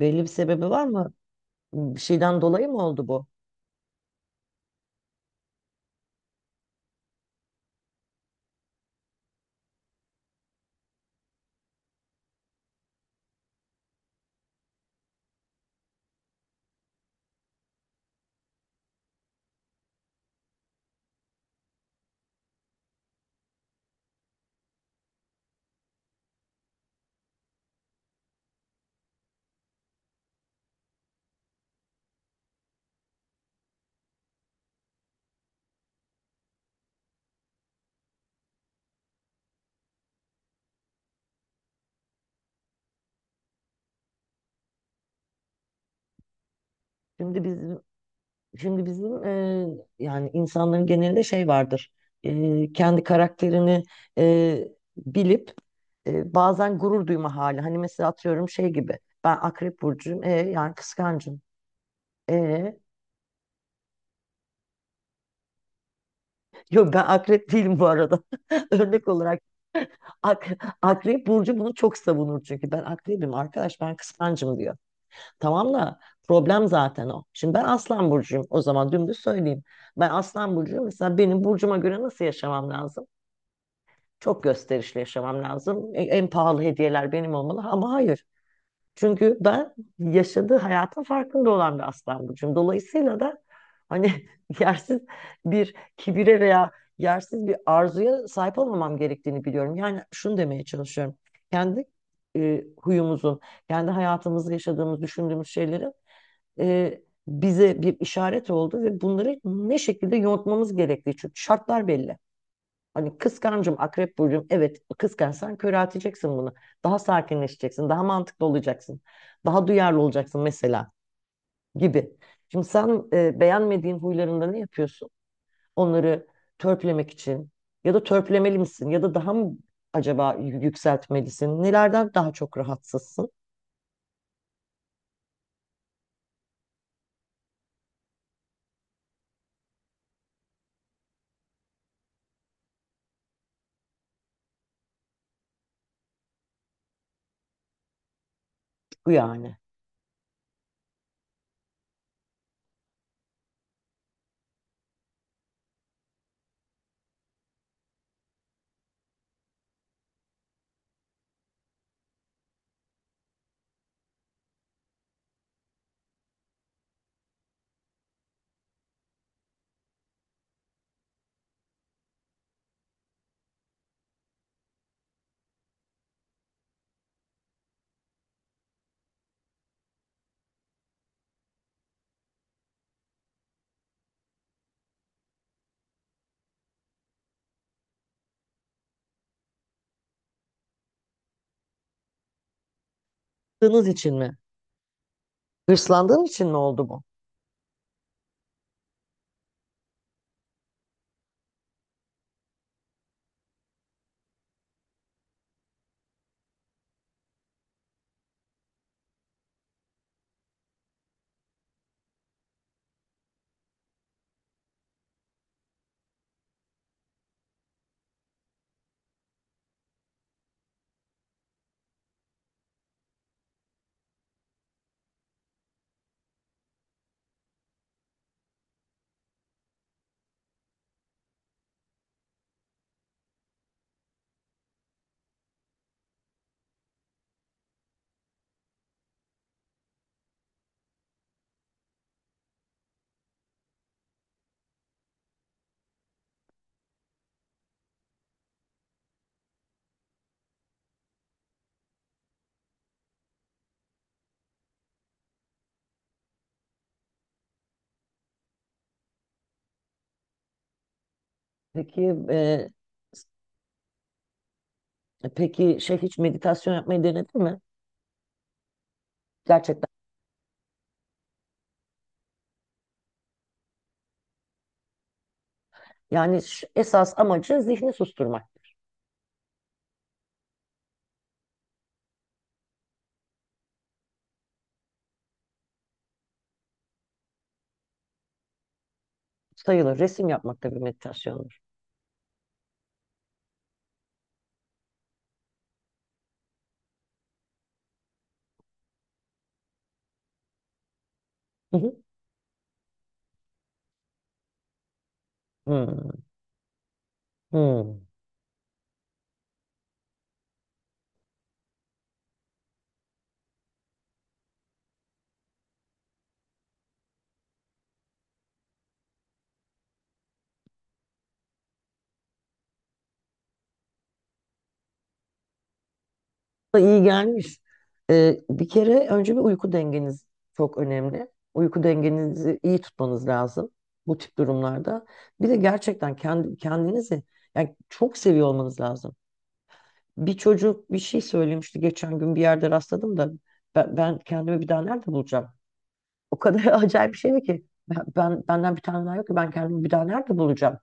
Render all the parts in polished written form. Belli bir sebebi var mı? Bir şeyden dolayı mı oldu bu? Şimdi bizim şimdi bizim yani insanların genelinde şey vardır. Kendi karakterini e, bilip bazen gurur duyma hali. Hani mesela atıyorum şey gibi. Ben Akrep burcuyum. Yani kıskancım. E, Yok, ben Akrep değilim bu arada. Örnek olarak Akrep burcu bunu çok savunur çünkü ben Akrebim arkadaş ben kıskancım diyor. Tamam da problem zaten o. Şimdi ben Aslan burcuyum. O zaman dümdüz söyleyeyim. Ben Aslan burcuyum. Mesela benim burcuma göre nasıl yaşamam lazım? Çok gösterişli yaşamam lazım. En pahalı hediyeler benim olmalı ama hayır. Çünkü ben yaşadığı hayatın farkında olan bir Aslan burcuyum. Dolayısıyla da hani yersiz bir kibire veya yersiz bir arzuya sahip olmamam gerektiğini biliyorum. Yani şunu demeye çalışıyorum. Kendi huyumuzun, kendi hayatımızda yaşadığımız, düşündüğümüz şeyleri e, bize bir işaret oldu ve bunları ne şekilde yontmamız gerektiği. Çünkü şartlar belli. Hani kıskancım, akrep burcum. Evet, kıskançsan köre atacaksın bunu. Daha sakinleşeceksin, daha mantıklı olacaksın. Daha duyarlı olacaksın mesela gibi. Şimdi sen beğenmediğin huylarında ne yapıyorsun? Onları törpülemek için ya da törpülemeli misin ya da daha mı acaba yükseltmelisin? Nelerden daha çok rahatsızsın? Bu yani. Hırslandığınız için mi? Hırslandığın için mi oldu bu? Peki e, peki, şey, hiç meditasyon yapmayı denedin mi? Gerçekten. Yani esas amacı zihni susturmak. Sayılır. Resim yapmak da bir meditasyondur. Hı hı. Hmm. Hmm. Da iyi gelmiş. Bir kere önce bir uyku dengeniz çok önemli. Uyku dengenizi iyi tutmanız lazım bu tip durumlarda. Bir de gerçekten kendinizi yani çok seviyor olmanız lazım. Bir çocuk bir şey söylemişti geçen gün bir yerde rastladım da ben kendimi bir daha nerede bulacağım? O kadar acayip bir şeydi ki. Benden bir tane daha yok ki ben kendimi bir daha nerede bulacağım?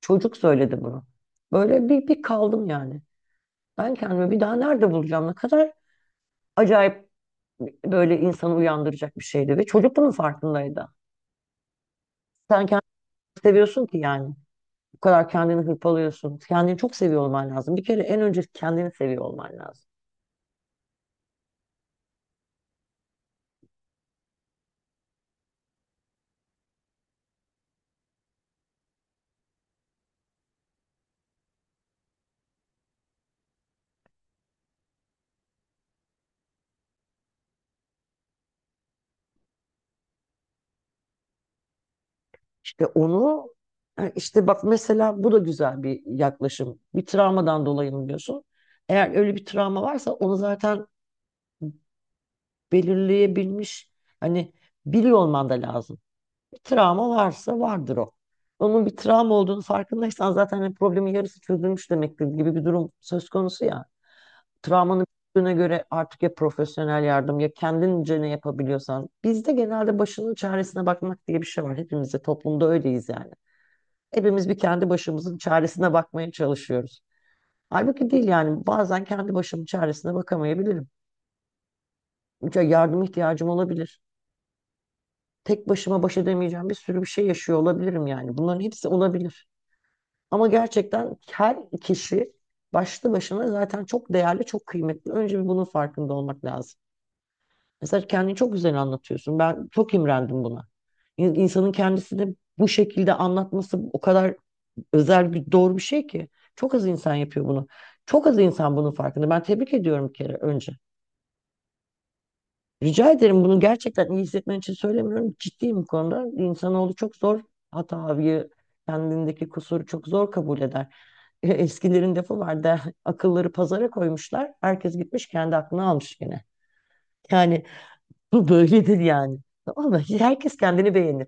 Çocuk söyledi bunu. Böyle bir kaldım yani. Ben kendimi bir daha nerede bulacağım? Ne kadar acayip, böyle insanı uyandıracak bir şeydi. Ve çocuk bunun farkındaydı. Sen kendini seviyorsun ki yani. Bu kadar kendini hırpalıyorsun. Kendini çok seviyor olman lazım. Bir kere en önce kendini seviyor olman lazım. İşte onu, yani işte bak mesela bu da güzel bir yaklaşım. Bir travmadan dolayı mı diyorsun? Eğer öyle bir travma varsa onu zaten belirleyebilmiş hani biliyor olman da lazım. Bir travma varsa vardır o. Onun bir travma olduğunu farkındaysan zaten hani problemin yarısı çözülmüş demektir gibi bir durum söz konusu ya. Travmanın büyüklüğüne göre artık ya profesyonel yardım ya kendince ne yapabiliyorsan. Bizde genelde başının çaresine bakmak diye bir şey var. Hepimiz de toplumda öyleyiz yani. Hepimiz bir kendi başımızın çaresine bakmaya çalışıyoruz. Halbuki değil yani, bazen kendi başımın çaresine bakamayabilirim. Ya, yardım ihtiyacım olabilir. Tek başıma baş edemeyeceğim bir sürü bir şey yaşıyor olabilirim yani. Bunların hepsi olabilir. Ama gerçekten her kişi başlı başına zaten çok değerli, çok kıymetli. Önce bir bunun farkında olmak lazım. Mesela kendini çok güzel anlatıyorsun. Ben çok imrendim buna. İnsanın kendisini bu şekilde anlatması o kadar özel bir doğru bir şey ki. Çok az insan yapıyor bunu. Çok az insan bunun farkında. Ben tebrik ediyorum bir kere önce. Rica ederim, bunu gerçekten iyi hissetmen için söylemiyorum. Ciddiyim bu konuda. İnsanoğlu çok zor hatayı, kendindeki kusuru çok zor kabul eder. Eskilerin lafı vardı. Akılları pazara koymuşlar. Herkes gitmiş kendi aklını almış gene. Yani bu böyledir yani. Tamam mı? Herkes kendini beğenir.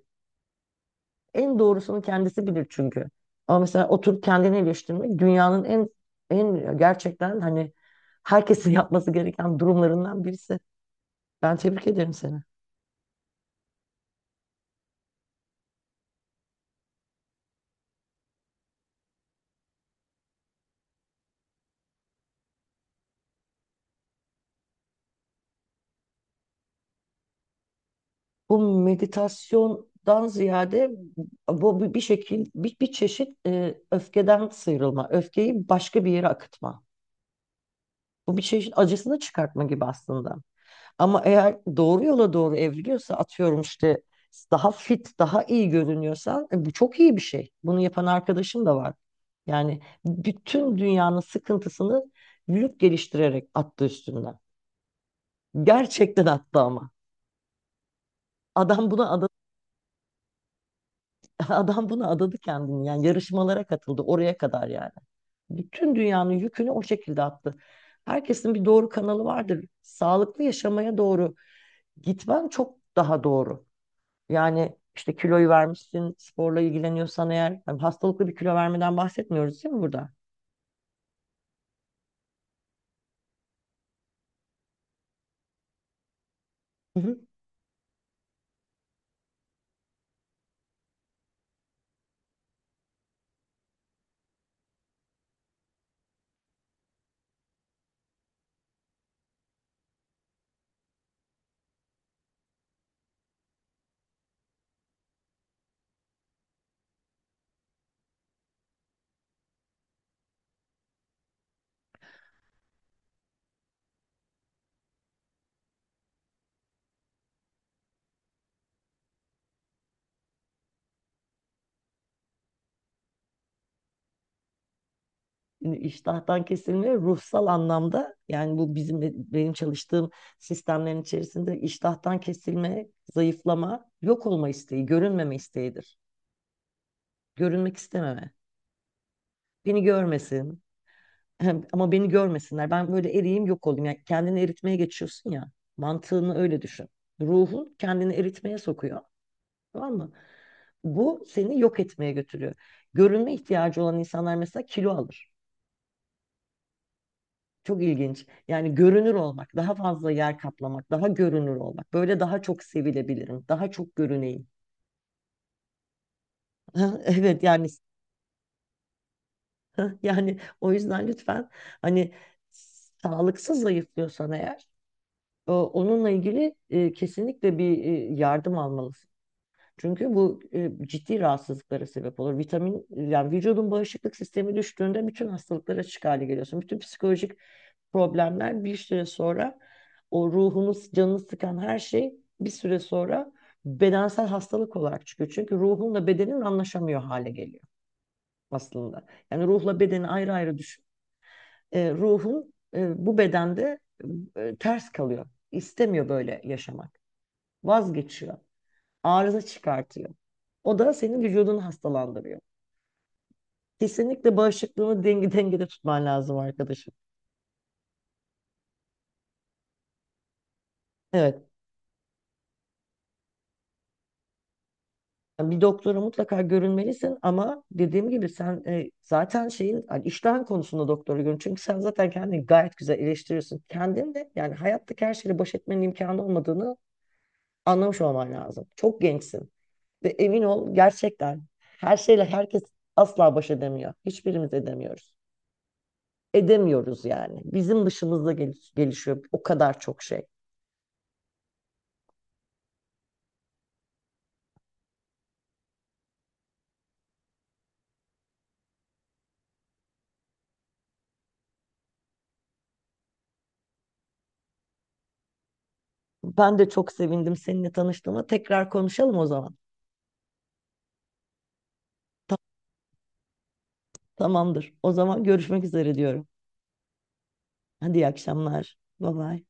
En doğrusunu kendisi bilir çünkü. Ama mesela oturup kendini eleştirmek dünyanın en gerçekten hani herkesin yapması gereken durumlarından birisi. Ben tebrik ederim seni. Bu meditasyondan ziyade bu bir şekil, bir çeşit öfkeden sıyrılma, öfkeyi başka bir yere akıtma. Bu bir çeşit acısını çıkartma gibi aslında. Ama eğer doğru yola doğru evriliyorsa, atıyorum işte daha fit, daha iyi görünüyorsan bu çok iyi bir şey. Bunu yapan arkadaşım da var. Yani bütün dünyanın sıkıntısını vücut geliştirerek attı üstünden. Gerçekten attı ama. Adam buna ada Adam buna adadı kendini, yani yarışmalara katıldı, oraya kadar yani. Bütün dünyanın yükünü o şekilde attı. Herkesin bir doğru kanalı vardır. Sağlıklı yaşamaya doğru gitmen çok daha doğru. Yani işte kiloyu vermişsin, sporla ilgileniyorsan eğer, yani hastalıklı bir kilo vermeden bahsetmiyoruz değil mi burada? Hı hı. Yani İştahtan kesilme ruhsal anlamda, yani bu benim çalıştığım sistemlerin içerisinde iştahtan kesilme, zayıflama, yok olma isteği, görünmeme isteğidir. Görünmek istememe. Beni görmesin. Ama beni görmesinler. Ben böyle eriyim, yok olayım. Yani kendini eritmeye geçiyorsun ya. Mantığını öyle düşün. Ruhun kendini eritmeye sokuyor. Tamam mı? Bu seni yok etmeye götürüyor. Görünme ihtiyacı olan insanlar mesela kilo alır. Çok ilginç. Yani görünür olmak, daha fazla yer kaplamak, daha görünür olmak. Böyle daha çok sevilebilirim, daha çok görüneyim. Evet yani. Yani o yüzden lütfen hani sağlıksız zayıflıyorsan eğer, onunla ilgili kesinlikle bir yardım almalısın. Çünkü bu ciddi rahatsızlıklara sebep olur. Vitamin, yani vücudun bağışıklık sistemi düştüğünde bütün hastalıklara açık hale geliyorsun. Bütün psikolojik problemler bir süre sonra, o ruhunu, canını sıkan her şey bir süre sonra bedensel hastalık olarak çıkıyor. Çünkü ruhunla bedenin anlaşamıyor hale geliyor aslında. Yani ruhla bedeni ayrı ayrı düşün. Ruhun bu bedende ters kalıyor. İstemiyor böyle yaşamak, vazgeçiyor. Arıza çıkartıyor. O da senin vücudunu hastalandırıyor. Kesinlikle bağışıklığını dengede tutman lazım arkadaşım. Evet. Yani bir doktora mutlaka görünmelisin, ama dediğim gibi sen zaten şeyin, hani iştahın konusunda doktora görün. Çünkü sen zaten kendini gayet güzel eleştiriyorsun. Kendin de yani hayattaki her şeyle baş etmenin imkanı olmadığını anlamış olman lazım. Çok gençsin ve emin ol gerçekten her şeyle herkes asla baş edemiyor. Hiçbirimiz edemiyoruz. Edemiyoruz yani. Bizim dışımızda gelişiyor o kadar çok şey. Ben de çok sevindim seninle tanıştığıma. Tekrar konuşalım o zaman. Ta- Tamamdır. O zaman görüşmek üzere diyorum. Hadi iyi akşamlar. Bye bye.